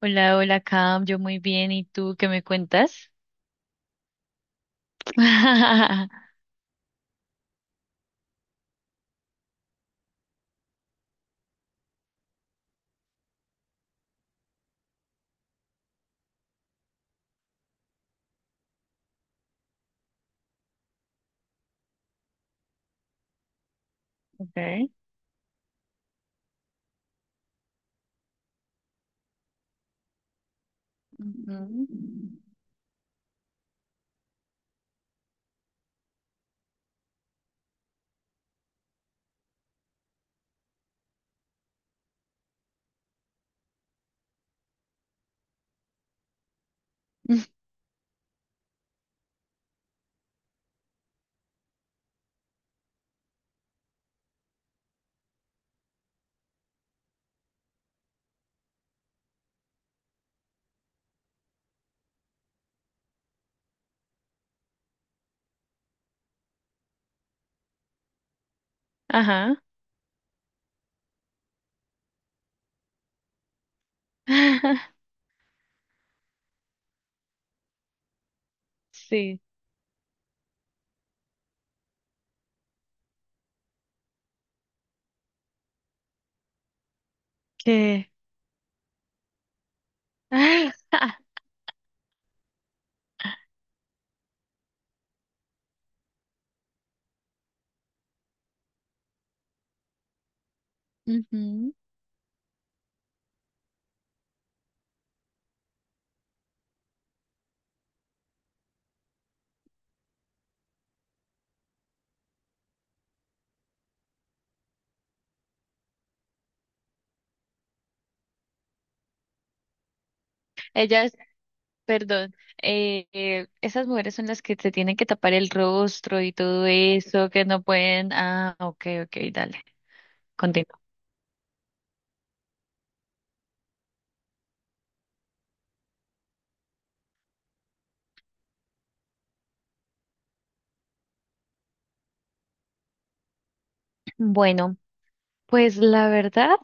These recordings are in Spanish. Hola, hola, Cam, yo muy bien, ¿y tú qué me cuentas? Okay. Ujú. Ajá. Sí. ¿Qué? Ujú. Ellas, perdón, esas mujeres son las que se tienen que tapar el rostro y todo eso, que no pueden. Ah, ok, ok, dale, continúa. Bueno, pues la verdad.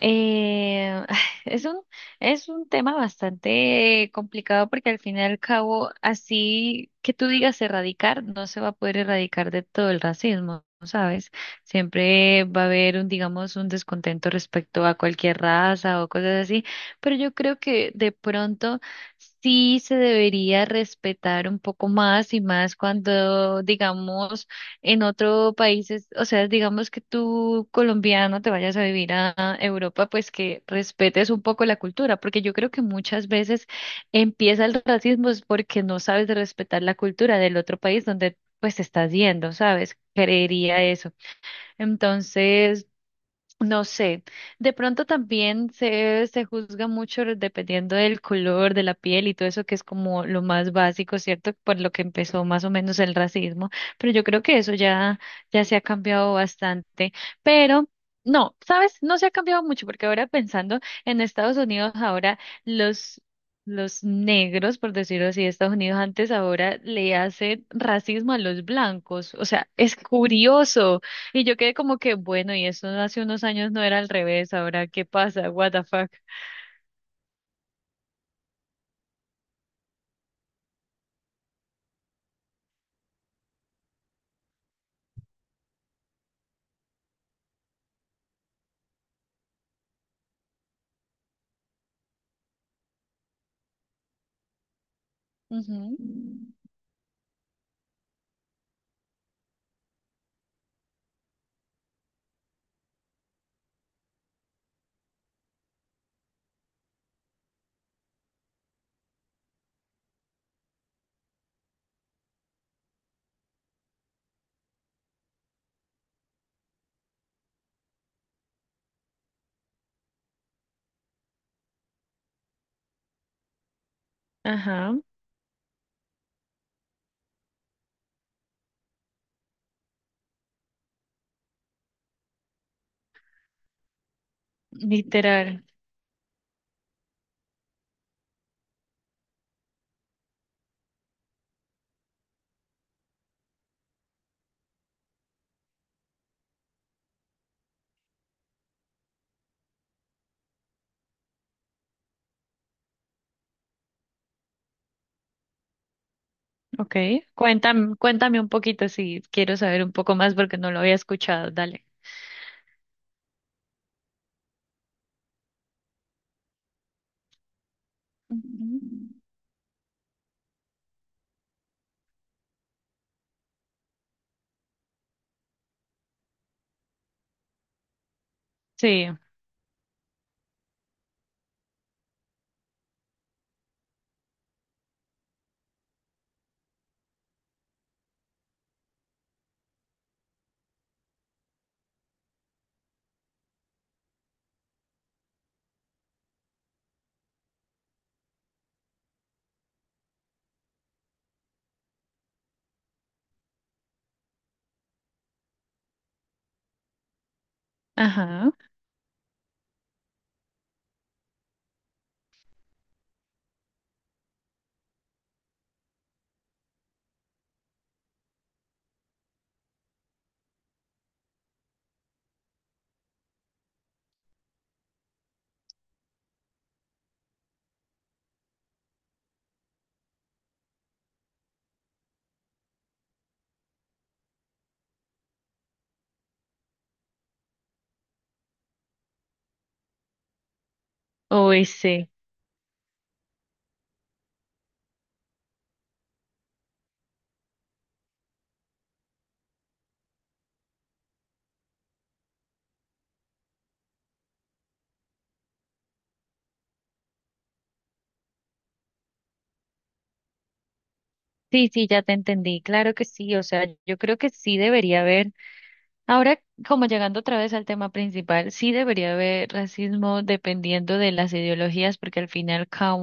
Eh, es un, es un tema bastante complicado porque al fin y al cabo, así que tú digas erradicar, no se va a poder erradicar de todo el racismo, ¿sabes? Siempre va a haber un, digamos, un descontento respecto a cualquier raza o cosas así, pero yo creo que de pronto sí se debería respetar un poco más y más cuando, digamos, en otro país, o sea, digamos que tú colombiano te vayas a vivir a Europa, pues que respetes un poco la cultura, porque yo creo que muchas veces empieza el racismo es porque no sabes de respetar la cultura del otro país donde pues estás yendo, ¿sabes? Creería eso. Entonces, no sé, de pronto también se juzga mucho dependiendo del color de la piel y todo eso que es como lo más básico, ¿cierto? Por lo que empezó más o menos el racismo, pero yo creo que eso ya, ya se ha cambiado bastante, pero no, ¿sabes? No se ha cambiado mucho porque ahora pensando en Estados Unidos, ahora los... Los negros, por decirlo así, de Estados Unidos antes ahora le hacen racismo a los blancos. O sea, es curioso. Y yo quedé como que, bueno, y eso hace unos años no era al revés, ahora qué pasa, what the fuck. Ujú. Ajá. Literal. Ok. Cuéntame, cuéntame un poquito si quiero saber un poco más porque no lo había escuchado. Dale. Ujú. Sí. Ajá. Uy, sí. Sí, sí, ya te entendí. Claro que sí. O sea, yo creo que sí debería haber. Ahora, como llegando otra vez al tema principal, sí debería haber racismo dependiendo de las ideologías, porque al final cada...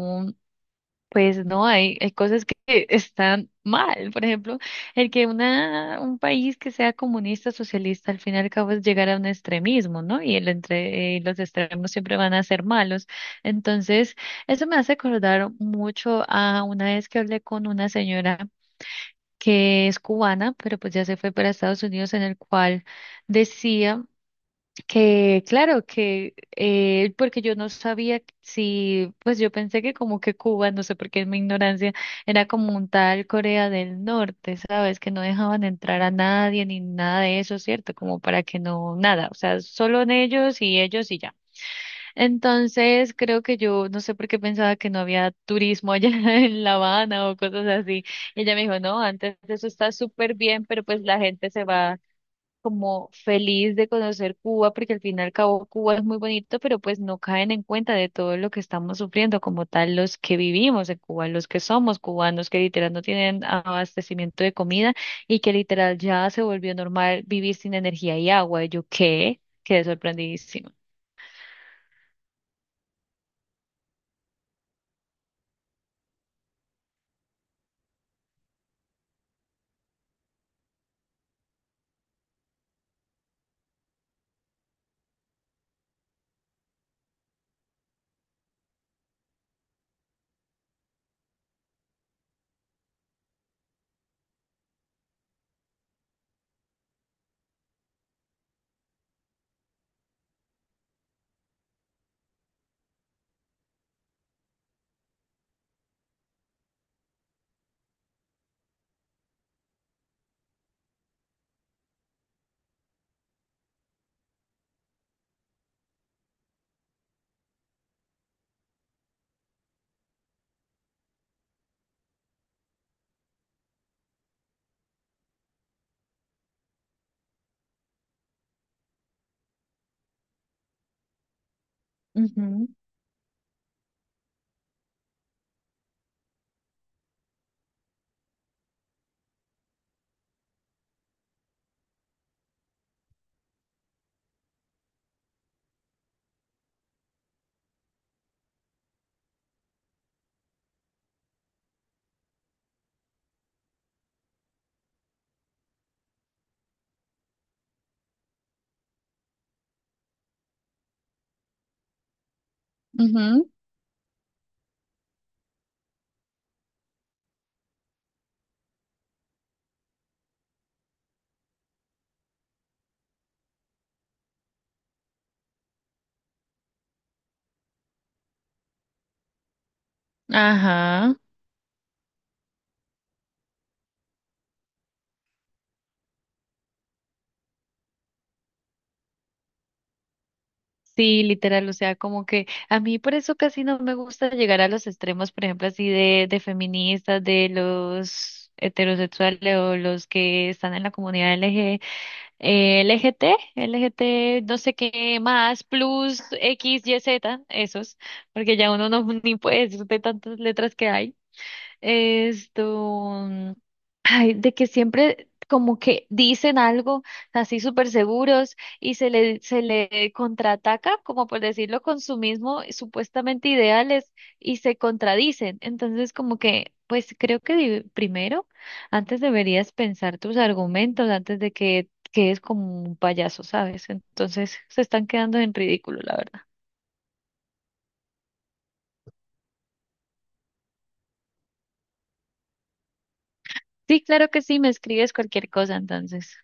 Pues no, hay cosas que están mal. Por ejemplo, el que un país que sea comunista, socialista, al fin y al cabo es llegar a un extremismo, ¿no? Y el entre, los extremos siempre van a ser malos. Entonces, eso me hace acordar mucho a una vez que hablé con una señora que es cubana, pero pues ya se fue para Estados Unidos, en el cual decía que claro, que porque yo no sabía si, pues yo pensé que como que Cuba, no sé por qué es mi ignorancia, era como un tal Corea del Norte, ¿sabes? Que no dejaban entrar a nadie ni nada de eso, ¿cierto? Como para que no, nada, o sea, solo en ellos y ellos y ya. Entonces creo que yo no sé por qué pensaba que no había turismo allá en La Habana o cosas así. Y ella me dijo, no, antes eso está súper bien, pero pues la gente se va como feliz de conocer Cuba, porque al fin y al cabo Cuba es muy bonito, pero pues no caen en cuenta de todo lo que estamos sufriendo como tal los que vivimos en Cuba, los que somos cubanos, que literal no tienen abastecimiento de comida y que literal ya se volvió normal vivir sin energía y agua. Y yo qué, quedé sorprendidísima. Ujú, ujú. Ajá. Sí, literal, o sea, como que a mí por eso casi no me gusta llegar a los extremos, por ejemplo, así de feministas, de los heterosexuales o los que están en la comunidad LG, LGT, LGT, no sé qué más, plus X, Y, Z, esos, porque ya uno no ni puede decir de tantas letras que hay. Esto, mm, ay, de que siempre como que dicen algo así súper seguros y se le contraataca, como por decirlo, con su mismo supuestamente ideales y se contradicen. Entonces, como que, pues creo que di- primero, antes deberías pensar tus argumentos antes de que quedes como un payaso, ¿sabes? Entonces, se están quedando en ridículo, la verdad. Sí, claro que sí, me escribes cualquier cosa, entonces.